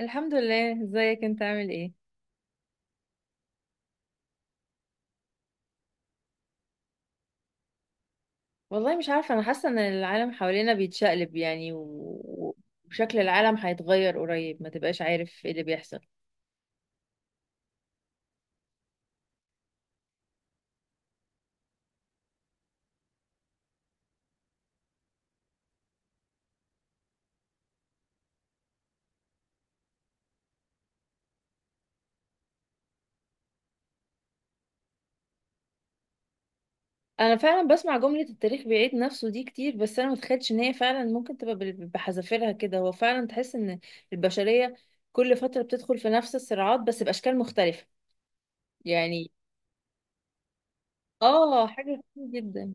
الحمد لله، ازيك؟ انت عامل ايه؟ والله مش عارفه، انا حاسه ان العالم حوالينا بيتشقلب يعني وشكل العالم هيتغير قريب، ما تبقاش عارف ايه اللي بيحصل. انا فعلا بسمع جمله التاريخ بيعيد نفسه دي كتير، بس انا متخيلش ان هي فعلا ممكن تبقى بحذافيرها كده. هو فعلا تحس ان البشريه كل فتره بتدخل في نفس الصراعات بس باشكال مختلفه يعني. اه، حاجه كتير جدا.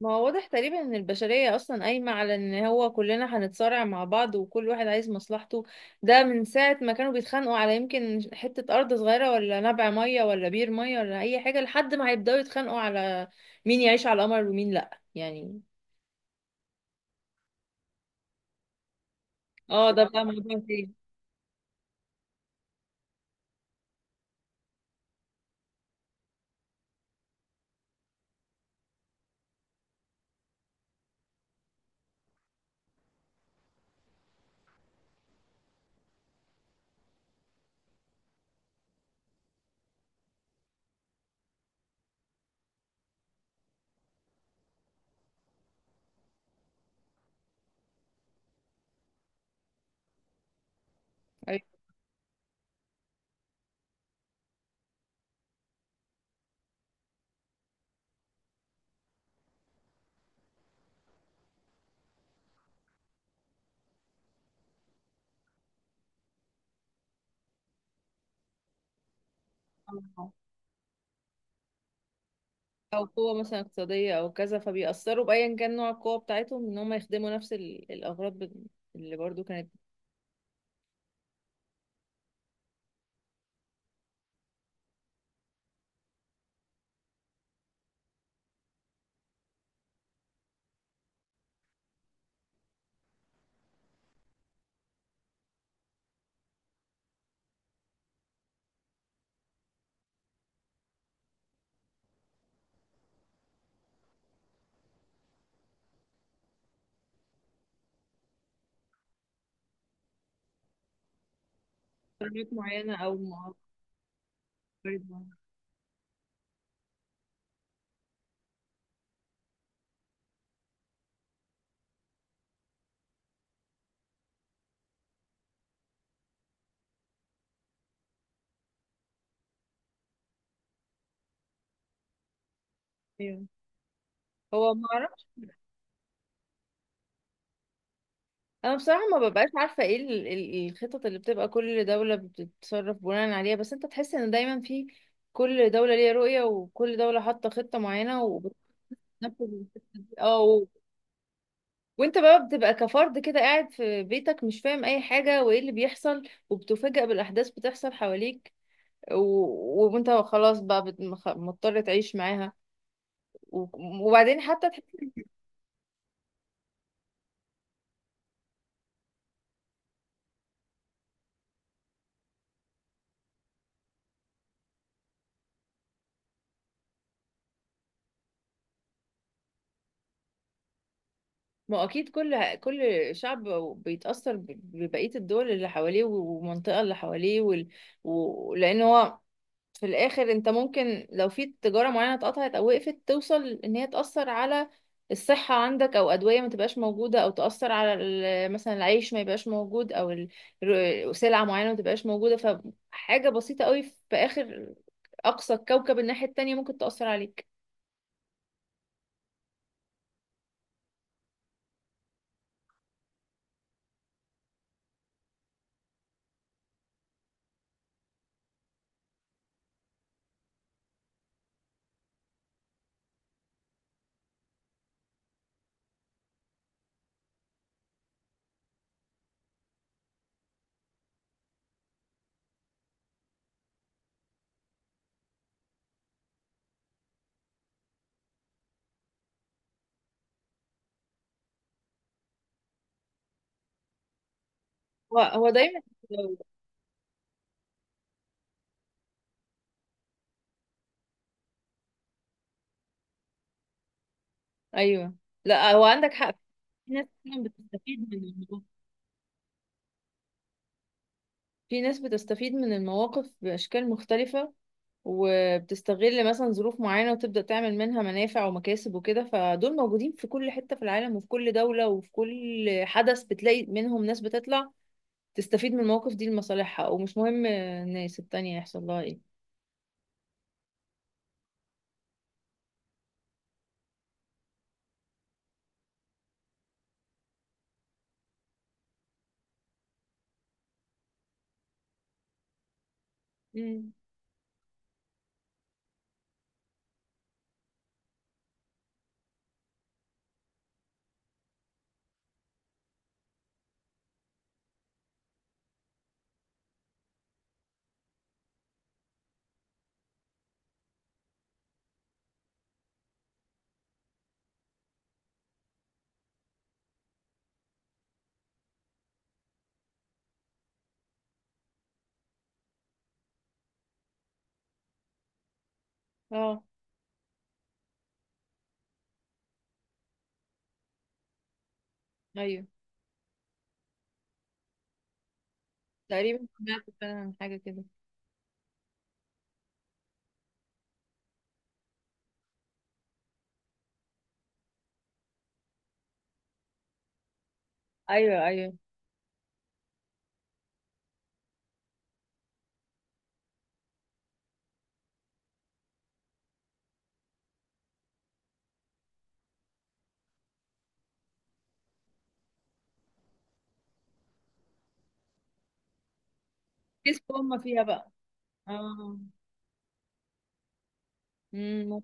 ما هو واضح تقريبا ان البشرية اصلا قايمة على ان هو كلنا هنتصارع مع بعض وكل واحد عايز مصلحته. ده من ساعة ما كانوا بيتخانقوا على يمكن حتة ارض صغيرة ولا نبع مية ولا بير مية ولا اي حاجة، لحد ما هيبدأوا يتخانقوا على مين يعيش على القمر ومين لا يعني. اه، ده بقى موضوع تاني. أيوة. او قوة مثلا اقتصادية او كذا، فبيأثروا بأيا كان نوع القوة بتاعتهم ان هم يخدموا نفس الاغراض اللي برضو كانت قرارات معينة او أيوة. هو ما اعرفش. انا بصراحه ما ببقاش عارفه ايه الخطط اللي بتبقى كل دوله بتتصرف بناء عليها، بس انت تحس ان دايما في كل دوله ليها رؤيه وكل دوله حاطه خطه معينه وبتنفذ الخطه دي وانت بقى بتبقى كفرد كده، قاعد في بيتك مش فاهم اي حاجه وايه اللي بيحصل. وبتفاجأ بالاحداث بتحصل حواليك و... وانت خلاص بقى مضطر تعيش معاها و- وبعدين حتى. ما اكيد كل شعب بيتاثر ببقيه الدول اللي حواليه والمنطقه اللي حواليه لان هو في الاخر انت ممكن، لو في تجاره معينه اتقطعت او وقفت، توصل ان هي تاثر على الصحه عندك، او ادويه ما تبقاش موجوده، او تاثر على مثلا العيش ما يبقاش موجود، او سلعه معينه ما تبقاش موجوده. فحاجه بسيطه قوي في اخر اقصى الكوكب الناحيه التانية ممكن تاثر عليك. هو دايما لو- ايوه. لا هو عندك حق. في ناس فعلا بتستفيد من الموضوع. في ناس بتستفيد من المواقف بأشكال مختلفة، وبتستغل مثلا ظروف معينة وتبدأ تعمل منها منافع ومكاسب وكده. فدول موجودين في كل حتة في العالم وفي كل دولة وفي كل حدث بتلاقي منهم ناس بتطلع تستفيد من المواقف دي لمصالحها، ومش مهم الناس التانية يحصل لها ايه. امم اه. ايوه، تقريبا سمعت فعلا عن حاجة كده. ايوه، ايوه، كسبوا هم فيها بقى. اه. امم.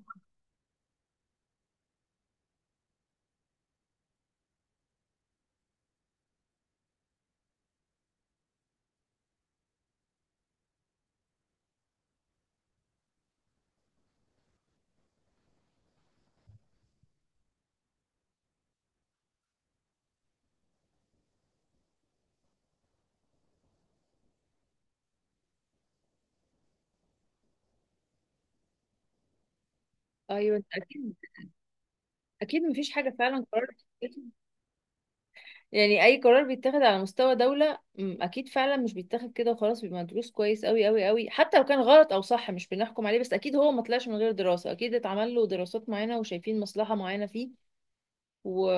ايوه، اكيد. اكيد مفيش حاجة فعلا قرار. يعني اي قرار بيتاخد على مستوى دولة اكيد فعلا مش بيتاخد كده وخلاص، بيبقى مدروس كويس قوي قوي قوي، حتى لو كان غلط او صح مش بنحكم عليه، بس اكيد هو ما طلعش من غير دراسة، اكيد اتعمل له دراسات معينة وشايفين مصلحة معينة فيه. و...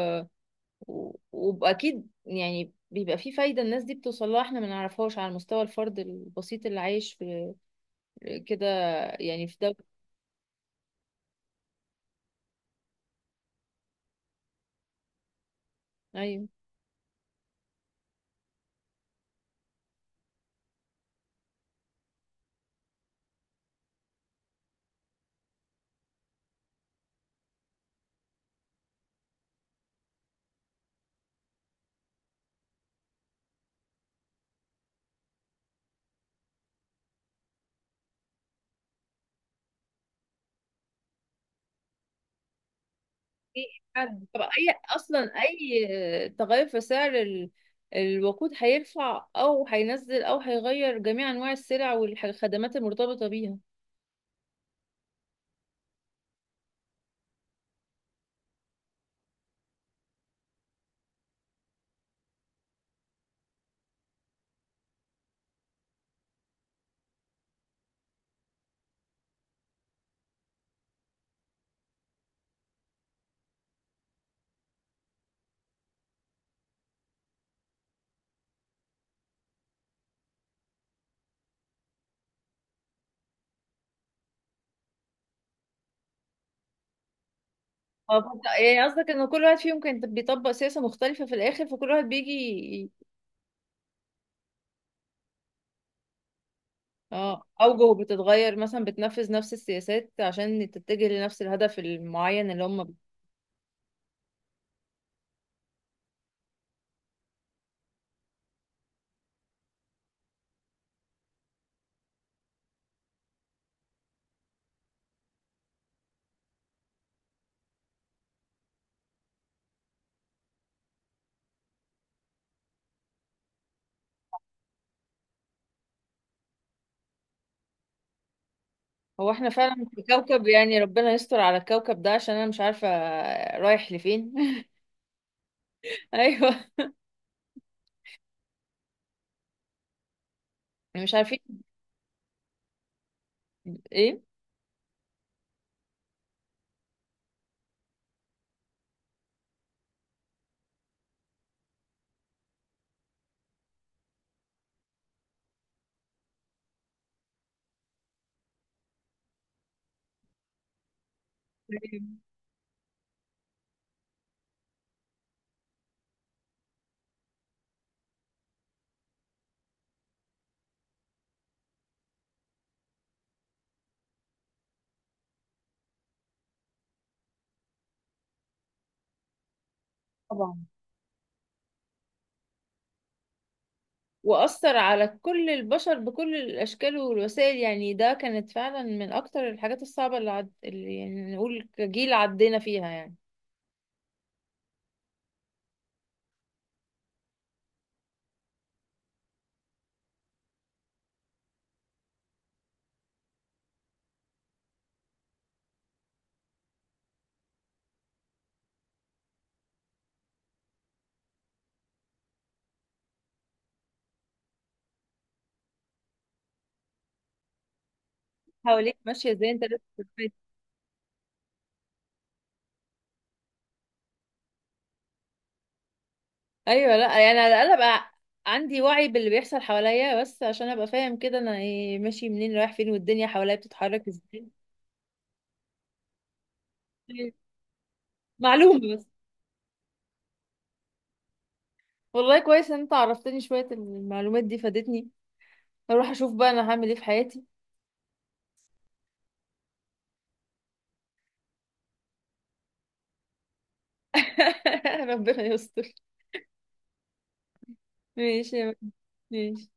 واكيد يعني بيبقى فيه فايدة الناس دي بتوصل لها احنا ما نعرفهاش على مستوى الفرد البسيط اللي عايش في كده، يعني في دولة. ايوه. في حد طب اي، اصلا اي تغير في سعر الوقود هيرفع او هينزل او هيغير جميع انواع السلع والخدمات المرتبطه بيها. اه بالظبط. يعني قصدك ان كل واحد فيهم كان بيطبق سياسه مختلفه، في الاخر فكل واحد بيجي اه، اوجهه بتتغير، مثلا بتنفذ نفس السياسات عشان تتجه لنفس الهدف المعين اللي هم هو احنا فعلا في كوكب، يعني ربنا يستر على الكوكب ده عشان انا مش عارفه رايح لفين. ايوه، مش عارفين ايه. أيوة. طبعا. وأثر على كل البشر بكل الأشكال والوسائل، يعني ده كانت فعلا من أكتر الحاجات الصعبة اللي يعني نقول كجيل عدينا فيها يعني. حواليك ماشية ازاي، انت لسه بتبتدي. أيوة، لا يعني على الأقل أبقى عندي وعي باللي بيحصل حواليا، بس عشان أبقى فاهم كده أنا إيه، ماشي منين رايح فين والدنيا حواليا بتتحرك ازاي. معلومة بس. والله كويس إن أنت عرفتني. شوية المعلومات دي فادتني، هروح أشوف بقى أنا هعمل إيه في حياتي. ربنا يستر. ماشي ماشي.